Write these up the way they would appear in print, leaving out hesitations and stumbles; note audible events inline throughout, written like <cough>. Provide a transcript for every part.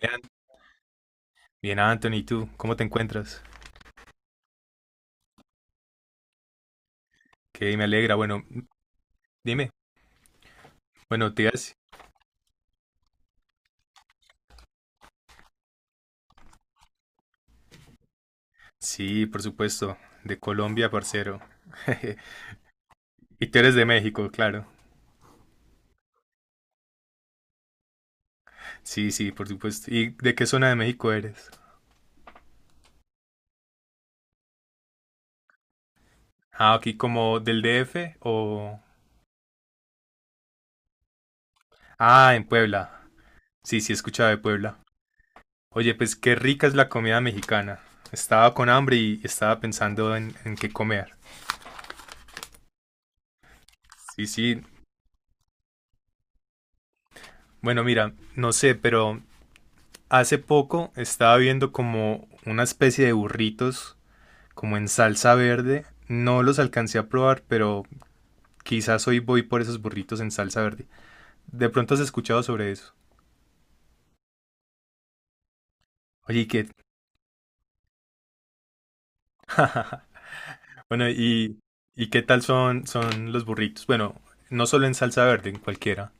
Bien, bien, Anthony, ¿y tú? ¿Cómo te encuentras? Que me alegra. Bueno, dime. Bueno, Sí, por supuesto. De Colombia, parcero. <laughs> Y tú eres de México, claro. Sí, sí, por supuesto. ¿Y de qué zona de México eres? Ah, aquí como del DF o. Ah, en Puebla. Sí, sí, he escuchado de Puebla. Oye, pues qué rica es la comida mexicana. Estaba con hambre y estaba pensando en qué comer. Sí, sí. Bueno, mira, no sé, pero hace poco estaba viendo como una especie de burritos, como en salsa verde. No los alcancé a probar, pero quizás hoy voy por esos burritos en salsa verde. ¿De pronto has escuchado sobre eso? Oye, ¿y qué? Bueno, ¿y qué tal son los burritos? Bueno, no solo en salsa verde, en cualquiera.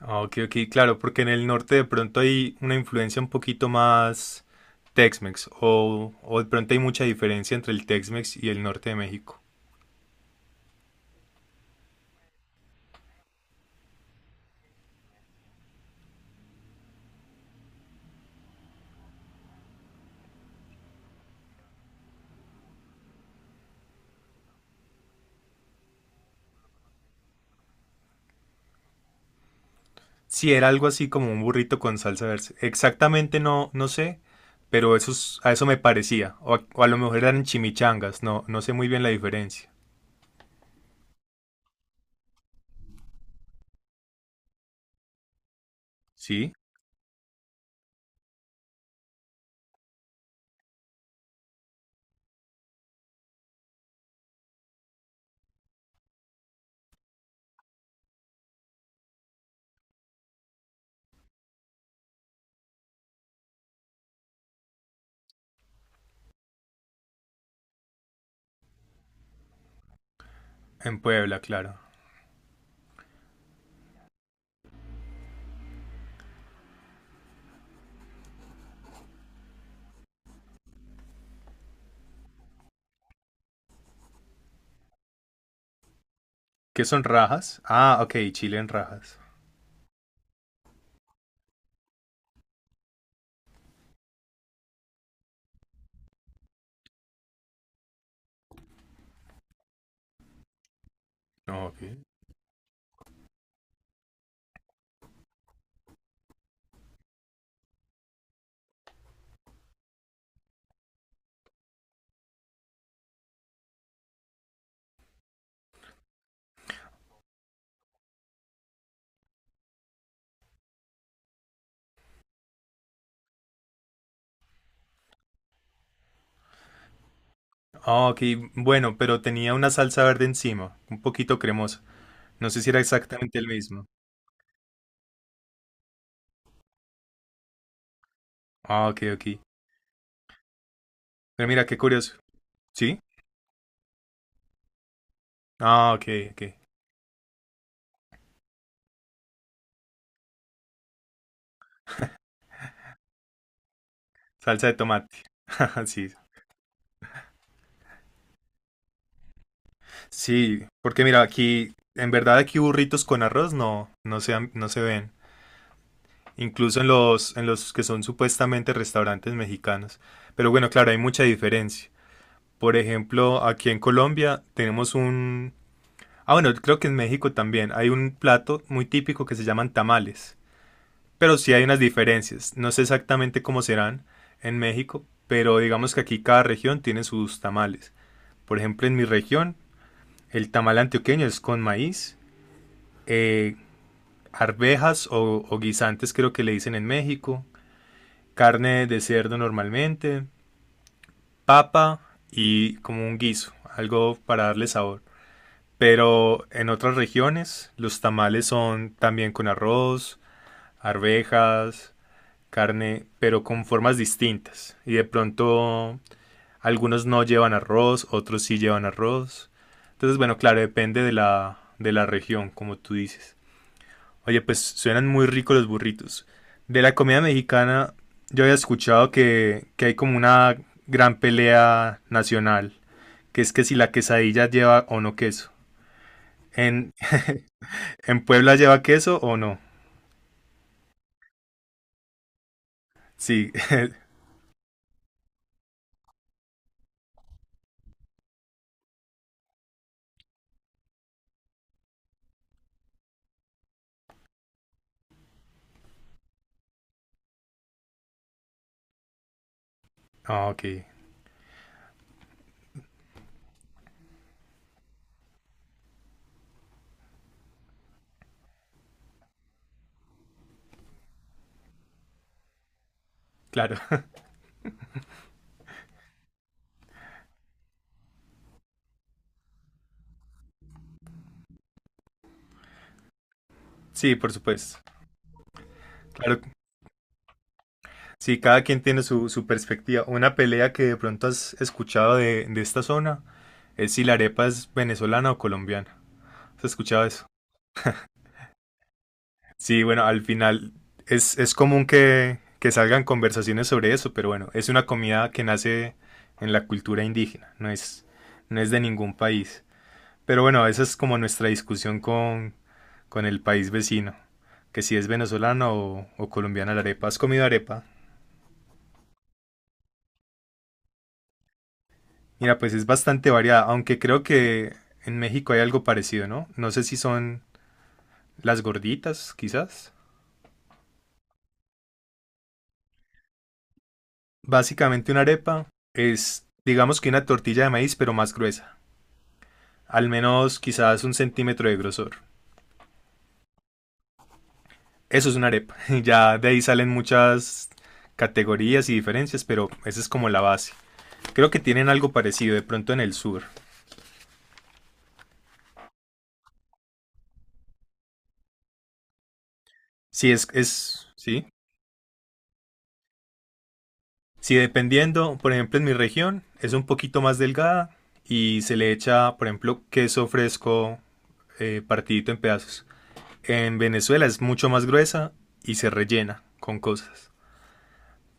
Ah, ok, ok, claro, porque en el norte de pronto hay una influencia un poquito más Tex-Mex, o de pronto hay mucha diferencia entre el Tex-Mex y el norte de México. Si era algo así como un burrito con salsa verde. Exactamente no, no sé, pero a eso me parecía. O a lo mejor eran chimichangas, no, no sé muy bien la diferencia. Sí, en Puebla, claro. ¿Qué son rajas? Ah, ok, chile en rajas. No, ok. Ah, ok, bueno, pero tenía una salsa verde encima, un poquito cremosa. No sé si era exactamente el mismo. Ah, ok, ok. Pero mira, qué curioso. ¿Sí? Ah, ok, ok. Salsa de tomate. <laughs> Sí, sí, porque mira, aquí, en verdad aquí burritos con arroz no se ven. Incluso en los, que son supuestamente restaurantes mexicanos. Pero bueno, claro, hay mucha diferencia. Por ejemplo, aquí en Colombia tenemos un. Ah, bueno, creo que en México también hay un plato muy típico que se llaman tamales. Pero sí hay unas diferencias. No sé exactamente cómo serán en México, pero digamos que aquí cada región tiene sus tamales. Por ejemplo, en mi región, el tamal antioqueño es con maíz. eh, Arvejas o guisantes creo que le dicen en México, carne de cerdo normalmente, papa y como un guiso, algo para darle sabor. Pero en otras regiones los tamales son también con arroz, arvejas, carne, pero con formas distintas. Y de pronto algunos no llevan arroz, otros sí llevan arroz. Entonces, bueno, claro, depende de la región, como tú dices. Oye, pues suenan muy ricos los burritos. De la comida mexicana, yo había escuchado que hay como una gran pelea nacional, que es que si la quesadilla lleva o no queso. ¿En, <laughs> ¿En Puebla lleva queso o no? Sí. <laughs> Ah, ok, claro. <laughs> Sí, por supuesto. Claro, sí, cada quien tiene su perspectiva. Una pelea que de pronto has escuchado de esta zona es si la arepa es venezolana o colombiana. ¿Has escuchado eso? Sí, bueno, al final es común que salgan conversaciones sobre eso, pero bueno, es una comida que nace en la cultura indígena, no es de ningún país. Pero bueno, esa es como nuestra discusión con el país vecino, que si es venezolana o colombiana la arepa. ¿Has comido arepa? Mira, pues es bastante variada, aunque creo que en México hay algo parecido, ¿no? No sé si son las gorditas, quizás. Básicamente una arepa es, digamos que una tortilla de maíz, pero más gruesa. Al menos quizás un centímetro de grosor. Eso es una arepa. <laughs> Ya de ahí salen muchas categorías y diferencias, pero esa es como la base. Creo que tienen algo parecido de pronto en el sur. Si es, sí. Si dependiendo, por ejemplo, en mi región es un poquito más delgada y se le echa, por ejemplo, queso fresco partidito en pedazos. En Venezuela es mucho más gruesa y se rellena con cosas.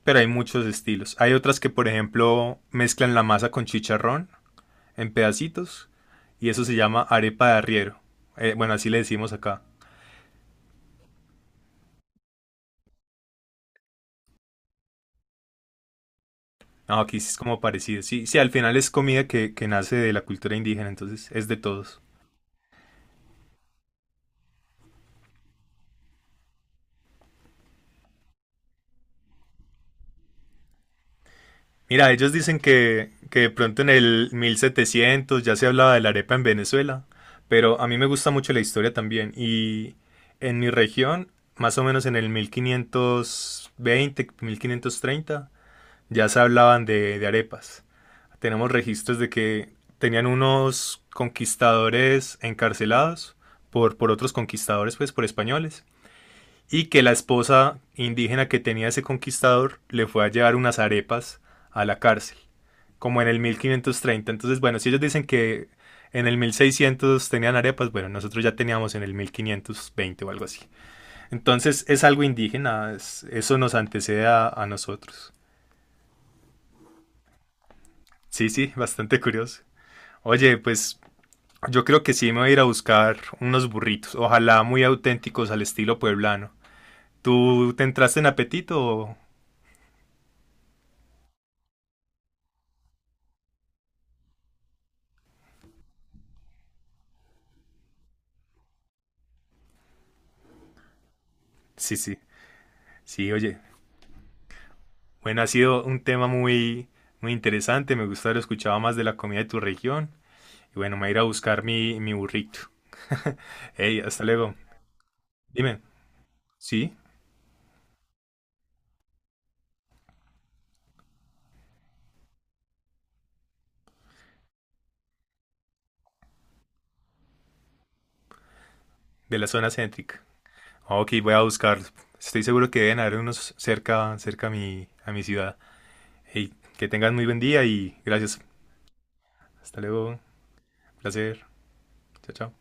Pero hay muchos estilos. Hay otras que, por ejemplo, mezclan la masa con chicharrón en pedacitos y eso se llama arepa de arriero. Bueno, así le decimos acá. No, aquí sí es como parecido. Sí, sí, al final es comida que nace de la cultura indígena, entonces es de todos. Mira, ellos dicen que de pronto en el 1700 ya se hablaba de la arepa en Venezuela, pero a mí me gusta mucho la historia también. Y en mi región, más o menos en el mil quinientos veinte 1530 ya se hablaban de arepas. Tenemos registros de que tenían unos conquistadores encarcelados por otros conquistadores, pues por españoles, y que la esposa indígena que tenía ese conquistador le fue a llevar unas arepas a la cárcel, como en el 1530. Entonces, bueno, si ellos dicen que en el 1600 tenían arepas, bueno, nosotros ya teníamos en el 1520 o algo así. Entonces es algo indígena, eso nos antecede a nosotros. Sí, sí, bastante curioso. Oye, pues yo creo que sí me voy a ir a buscar unos burritos, ojalá muy auténticos al estilo pueblano. ¿Tú te entraste en apetito? Sí, sí, sí, oye. Bueno, ha sido un tema muy, muy interesante, me gusta haber escuchado más de la comida de tu región. Y bueno, me voy a ir a buscar mi burrito. <laughs> Hey, hasta luego. Dime, ¿sí? De la zona céntrica. Ok, voy a buscar. Estoy seguro que deben haber unos cerca, cerca a mi ciudad. Hey, que tengas muy buen día y gracias. Hasta luego. Placer. Chao, chao.